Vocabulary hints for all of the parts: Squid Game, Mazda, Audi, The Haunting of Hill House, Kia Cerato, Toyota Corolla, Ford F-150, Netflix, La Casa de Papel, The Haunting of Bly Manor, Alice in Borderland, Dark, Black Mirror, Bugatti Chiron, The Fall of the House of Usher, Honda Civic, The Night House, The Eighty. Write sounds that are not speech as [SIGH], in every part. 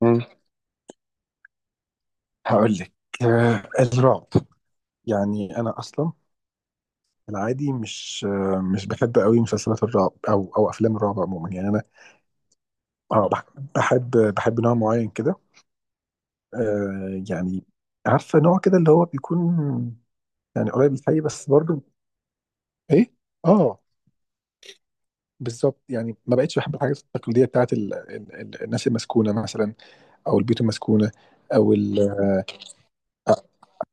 مم. هقول لك الرعب. يعني انا اصلا العادي مش مش بحب قوي مسلسلات الرعب او او افلام الرعب عموما. يعني انا اه بح- بحب بحب نوع معين كده. يعني عارفه نوع كده اللي هو بيكون يعني قريب للحقيقة بس برضه ايه. اه، بالظبط. يعني ما بقتش بحب الحاجات التقليديه بتاعت الناس المسكونه مثلا، او البيوت المسكونه، او ال...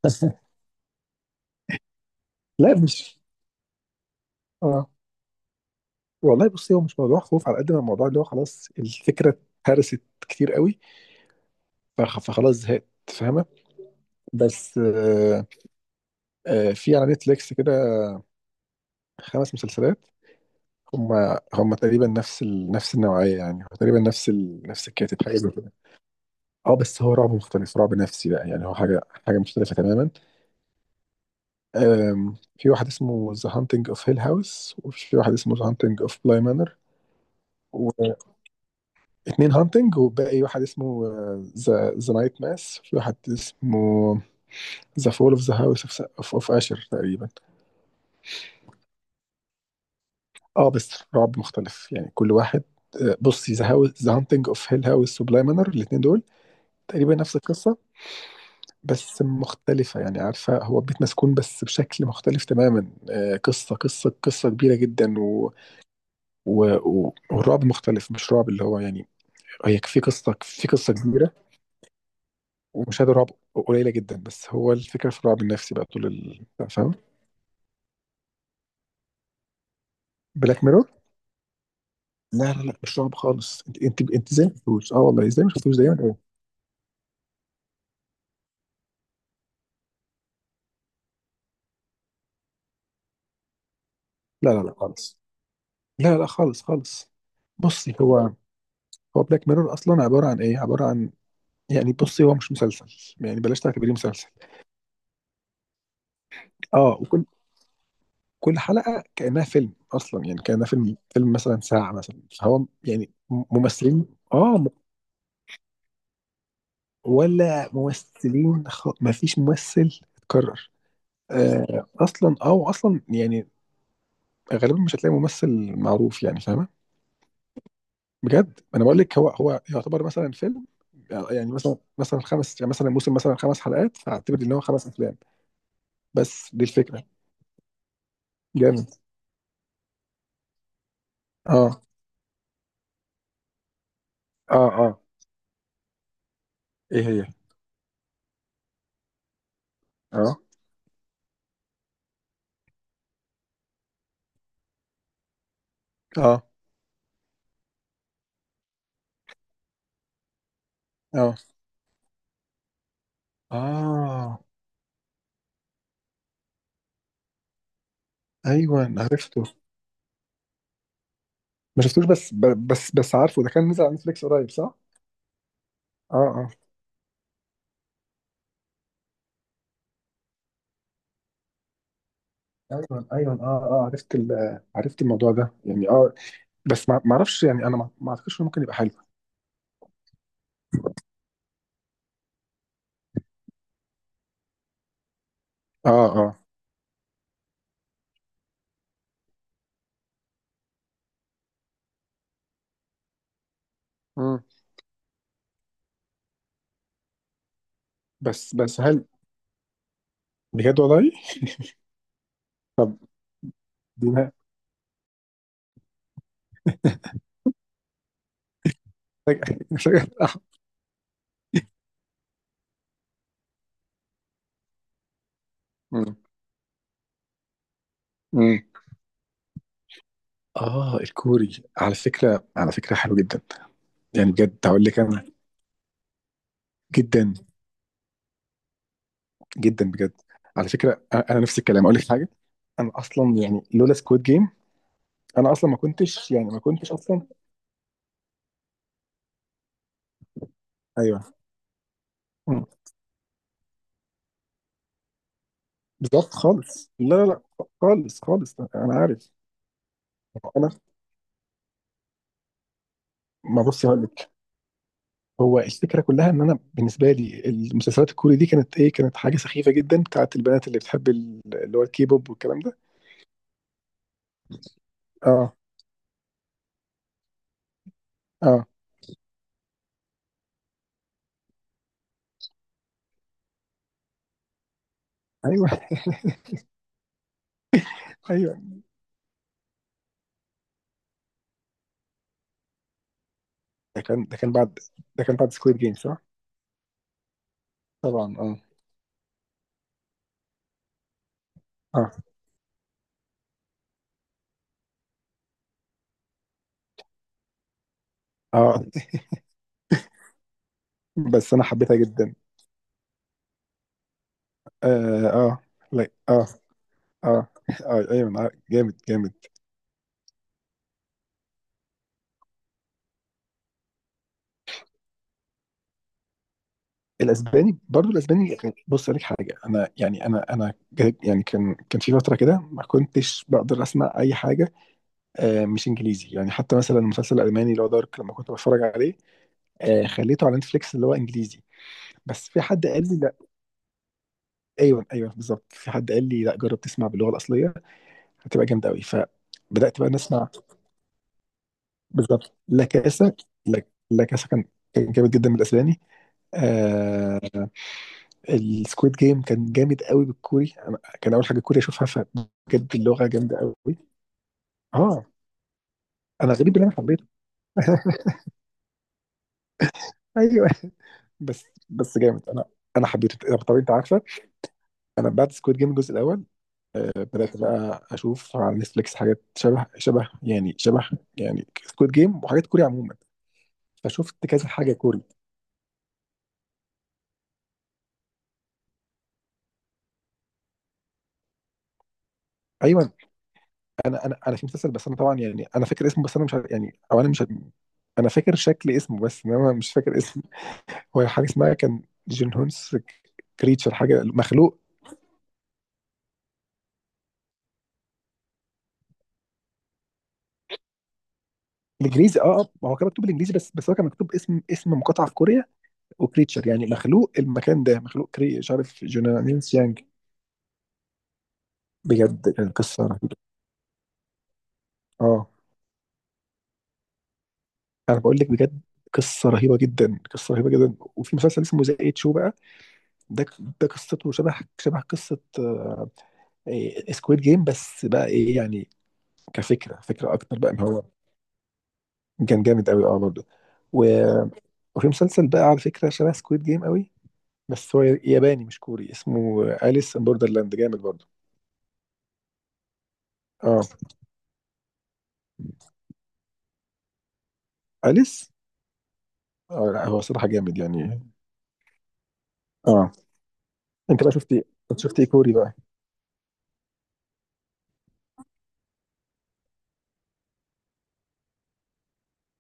[LAUGHS] لا مش. اه والله، بصي، هو مش موضوع خوف على قد ما الموضوع اللي هو خلاص الفكره اتهرست كتير قوي. فخلاص زهقت، فاهمه؟ بس في على نتفليكس كده خمس مسلسلات، هم هم تقريبا نفس النوعيه. يعني هو تقريبا نفس الكاتب، حاجه زي كده. اه بس هو رعب مختلف، رعب نفسي بقى. يعني هو حاجه مختلفه تماما. في واحد اسمه ذا هانتنج اوف هيل هاوس، وفي واحد اسمه ذا هانتنج اوف بلاي مانر. اتنين هانتنج، وباقي واحد اسمه ذا نايت ماس، في واحد اسمه ذا فول اوف ذا هاوس اوف اشر تقريبا. اه بس رعب مختلف يعني، كل واحد. بصي، ذا هاوس ذا هانتنج اوف هيل هاوس وبلاي مانر، الاتنين دول تقريبا نفس القصة بس مختلفة. يعني عارفة، هو بيت مسكون بس بشكل مختلف تماما. قصة قصة كبيرة جدا، والرعب مختلف. مش رعب اللي هو يعني، هي في قصة كبيرة ومشاهدة رعب قليلة جدا. بس هو الفكرة في الرعب النفسي بقى طول ال بتاع، فاهم؟ بلاك ميرور؟ لا لا لا، مش رعب خالص. انت ازاي ما شفتوش؟ اه والله، ازاي ما شفتوش؟ دايما ايه. لا لا لا خالص. لا لا، خالص خالص. بصي هو، هو بلاك ميرور اصلا عبارة عن ايه، عبارة عن، يعني بصي هو مش مسلسل، يعني بلاش تعتبريه مسلسل. اه كل حلقة كأنها فيلم اصلا. يعني كأنها فيلم مثلا ساعة مثلا، فهو يعني ممثلين. اه م- ولا ممثلين، ما فيش ممثل اتكرر. اصلا اه، واصلا يعني غالبا مش هتلاقي ممثل معروف، يعني فاهمه؟ بجد انا بقول لك، هو هو يعتبر مثلا فيلم. يعني مثلا خمس، يعني مثلا موسم مثلا خمس حلقات، فاعتبر ان هو خمس افلام. بس دي الفكره. جامد. اه اه اه. ايه هي؟ اه اه اه اه. ايوه، عرفته. ما شفتوش، بس ب- بس بس عارفه ده كان نزل على نتفليكس قريب، صح؟ اه اه. ايوه ايوه اه اه، عرفت عرفت الموضوع ده يعني، اه. بس ما اعرفش يعني، انا ما اعتقدش انه ممكن يبقى حلو. اه اه. مم. بس هل. بجد والله؟ دي ما- [LAUGHS] محتاج- مم. مم. اه الكوري على فكره، على فكره حلو جدا. يعني بجد هقول لك انا، جدا جدا بجد. على فكره، انا نفس الكلام اقول لك حاجه. انا اصلا يعني لولا سكواد جيم انا اصلا ما كنتش، يعني ما كنتش اصلا. ايوه. مم. بالظبط خالص، لا لا لا. خالص خالص، انا عارف. انا، ما بصي هقول لك. هو الفكره كلها ان انا بالنسبه لي المسلسلات الكوري دي كانت ايه، كانت حاجه سخيفه جدا بتاعت البنات اللي بتحب اللي هو الكي بوب والكلام ده. اه اه. ايوه [LAUGHS] ايوه، ده كان بعد، ده كان بعد سكويد جيم صح؟ طبعا اه اه اه. بس انا حبيتها جدا. اه اه لا اه. اه اه ايوه، أنا عارف. جامد جامد. الاسباني، برضو الاسباني كان- بص اقول لك حاجه، انا يعني انا جا-، يعني كان في فتره كده ما كنتش بقدر اسمع اي حاجه مش انجليزي. يعني حتى مثلا المسلسل الالماني اللي هو دارك، لما كنت بتفرج عليه خليته على نتفليكس اللي هو انجليزي، بس في حد قال لي لا. ايوه ايوه بالظبط، في حد قال لي لا جرب تسمع باللغه الاصليه، هتبقى جامده قوي. فبدات بقى نسمع. بالظبط. لا كاسا، لا لا كاسا كان، كان جامد جدا بالاسباني. آه. السكويد جيم كان جامد قوي بالكوري، انا كان اول حاجه كوري اشوفها فبجد اللغه جامده قوي. اه، انا غريب ان انا حبيته. [LAUGHS] ايوه. بس بس جامد. انا انا حبيته. طب انت عارف، انا بعد سكويد جيم الجزء الاول بدات بقى اشوف على نتفليكس حاجات شبه يعني شبه، يعني سكويد جيم وحاجات كوري عموما. فشفت كذا حاجه كوري. ايوه. انا في مسلسل، بس انا طبعا يعني انا فاكر اسمه، بس انا مش عارف يعني، او انا مش عارف- انا فاكر شكل اسمه بس انما مش فاكر اسمه. هو حاجه اسمها كان جون هونس كريتشر، حاجه مخلوق. الانجليزي اه اه. ما هو كان مكتوب بالانجليزي، بس هو كان مكتوب اسم، اسم مقاطعه في كوريا، وكريتشر يعني مخلوق. المكان ده مخلوق، كري مش عارف، جون هونس يانج. بجد كانت قصه، اه. انا بقول لك بجد، قصه رهيبه جدا. وفي مسلسل اسمه ذا ايت شو بقى، ده ده قصته شبه قصه سكويد جيم، بس بقى ايه يعني كفكره، فكره اكتر بقى ما هو. كان جامد قوي اه برضه، و- وفي مسلسل بقى على فكره شبه سكويد جيم قوي، بس هو ياباني مش كوري، اسمه اليس ان بوردرلاند. جامد برضه اه. اليس، اه لا هو صراحه جامد يعني. اه. انت بقى شفتي، انت شفتي إيه كوري بقى؟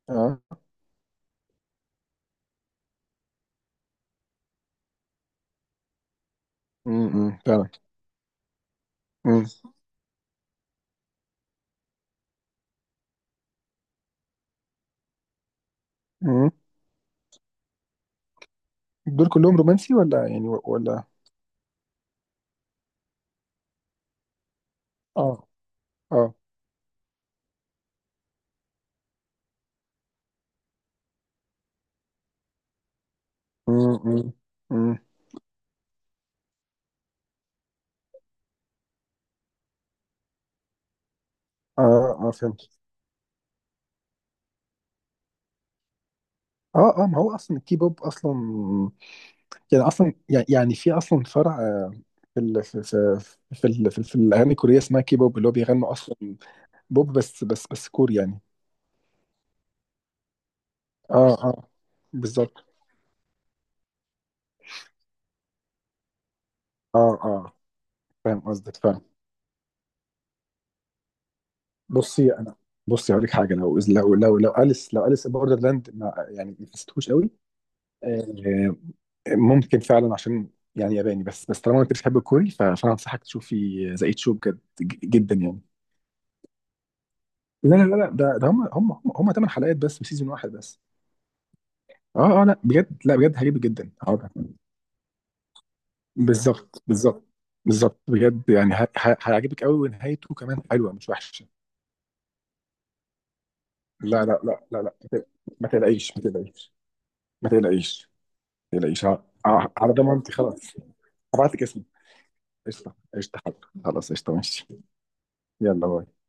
اه. امم، فعلا. امم. دول كلهم رومانسي ولا يعني و- ولا؟ اه اه. امم امم. اه اه فهمت. اه اه، ما هو اصلا الكيبوب اصلا يعني اصلا يعني، يعني في اصلا فرع في في الاغاني الكوريه اسمها كيبوب، اللي هو بيغنوا اصلا بوب بس كوري يعني. اه اه بالظبط. اه اه، فاهم قصدك فاهم. بصي انا، بصي هقول لك حاجه، لو اليس بوردرلاند ما يعني ما حسيتهوش قوي، آه، ممكن فعلا عشان يعني ياباني. بس طالما انت بتحب الكوري، ف- فانا انصحك تشوفي ذا ايت شو، بجد ج- جدا يعني. لا، ده ده هم 8 حلقات بس، وسيزون واحد بس. اه اه. لا بجد لا بجد، هيعجبك جدا هقولك. بالظبط بالظبط بالظبط، بجد يعني ه- ه- هيعجبك قوي، ونهايته كمان حلوه مش وحشه. لا لا لا لا لا ما تق- ما تقلقيش، ما تقلقيش، ما تقلقيش، ما تقلقيش، ع- ع- على ضمانتي خلاص. هبعت لك اسمي. قشطه قشطه حاضر. خلاص قشطه ماشي. يلا باي.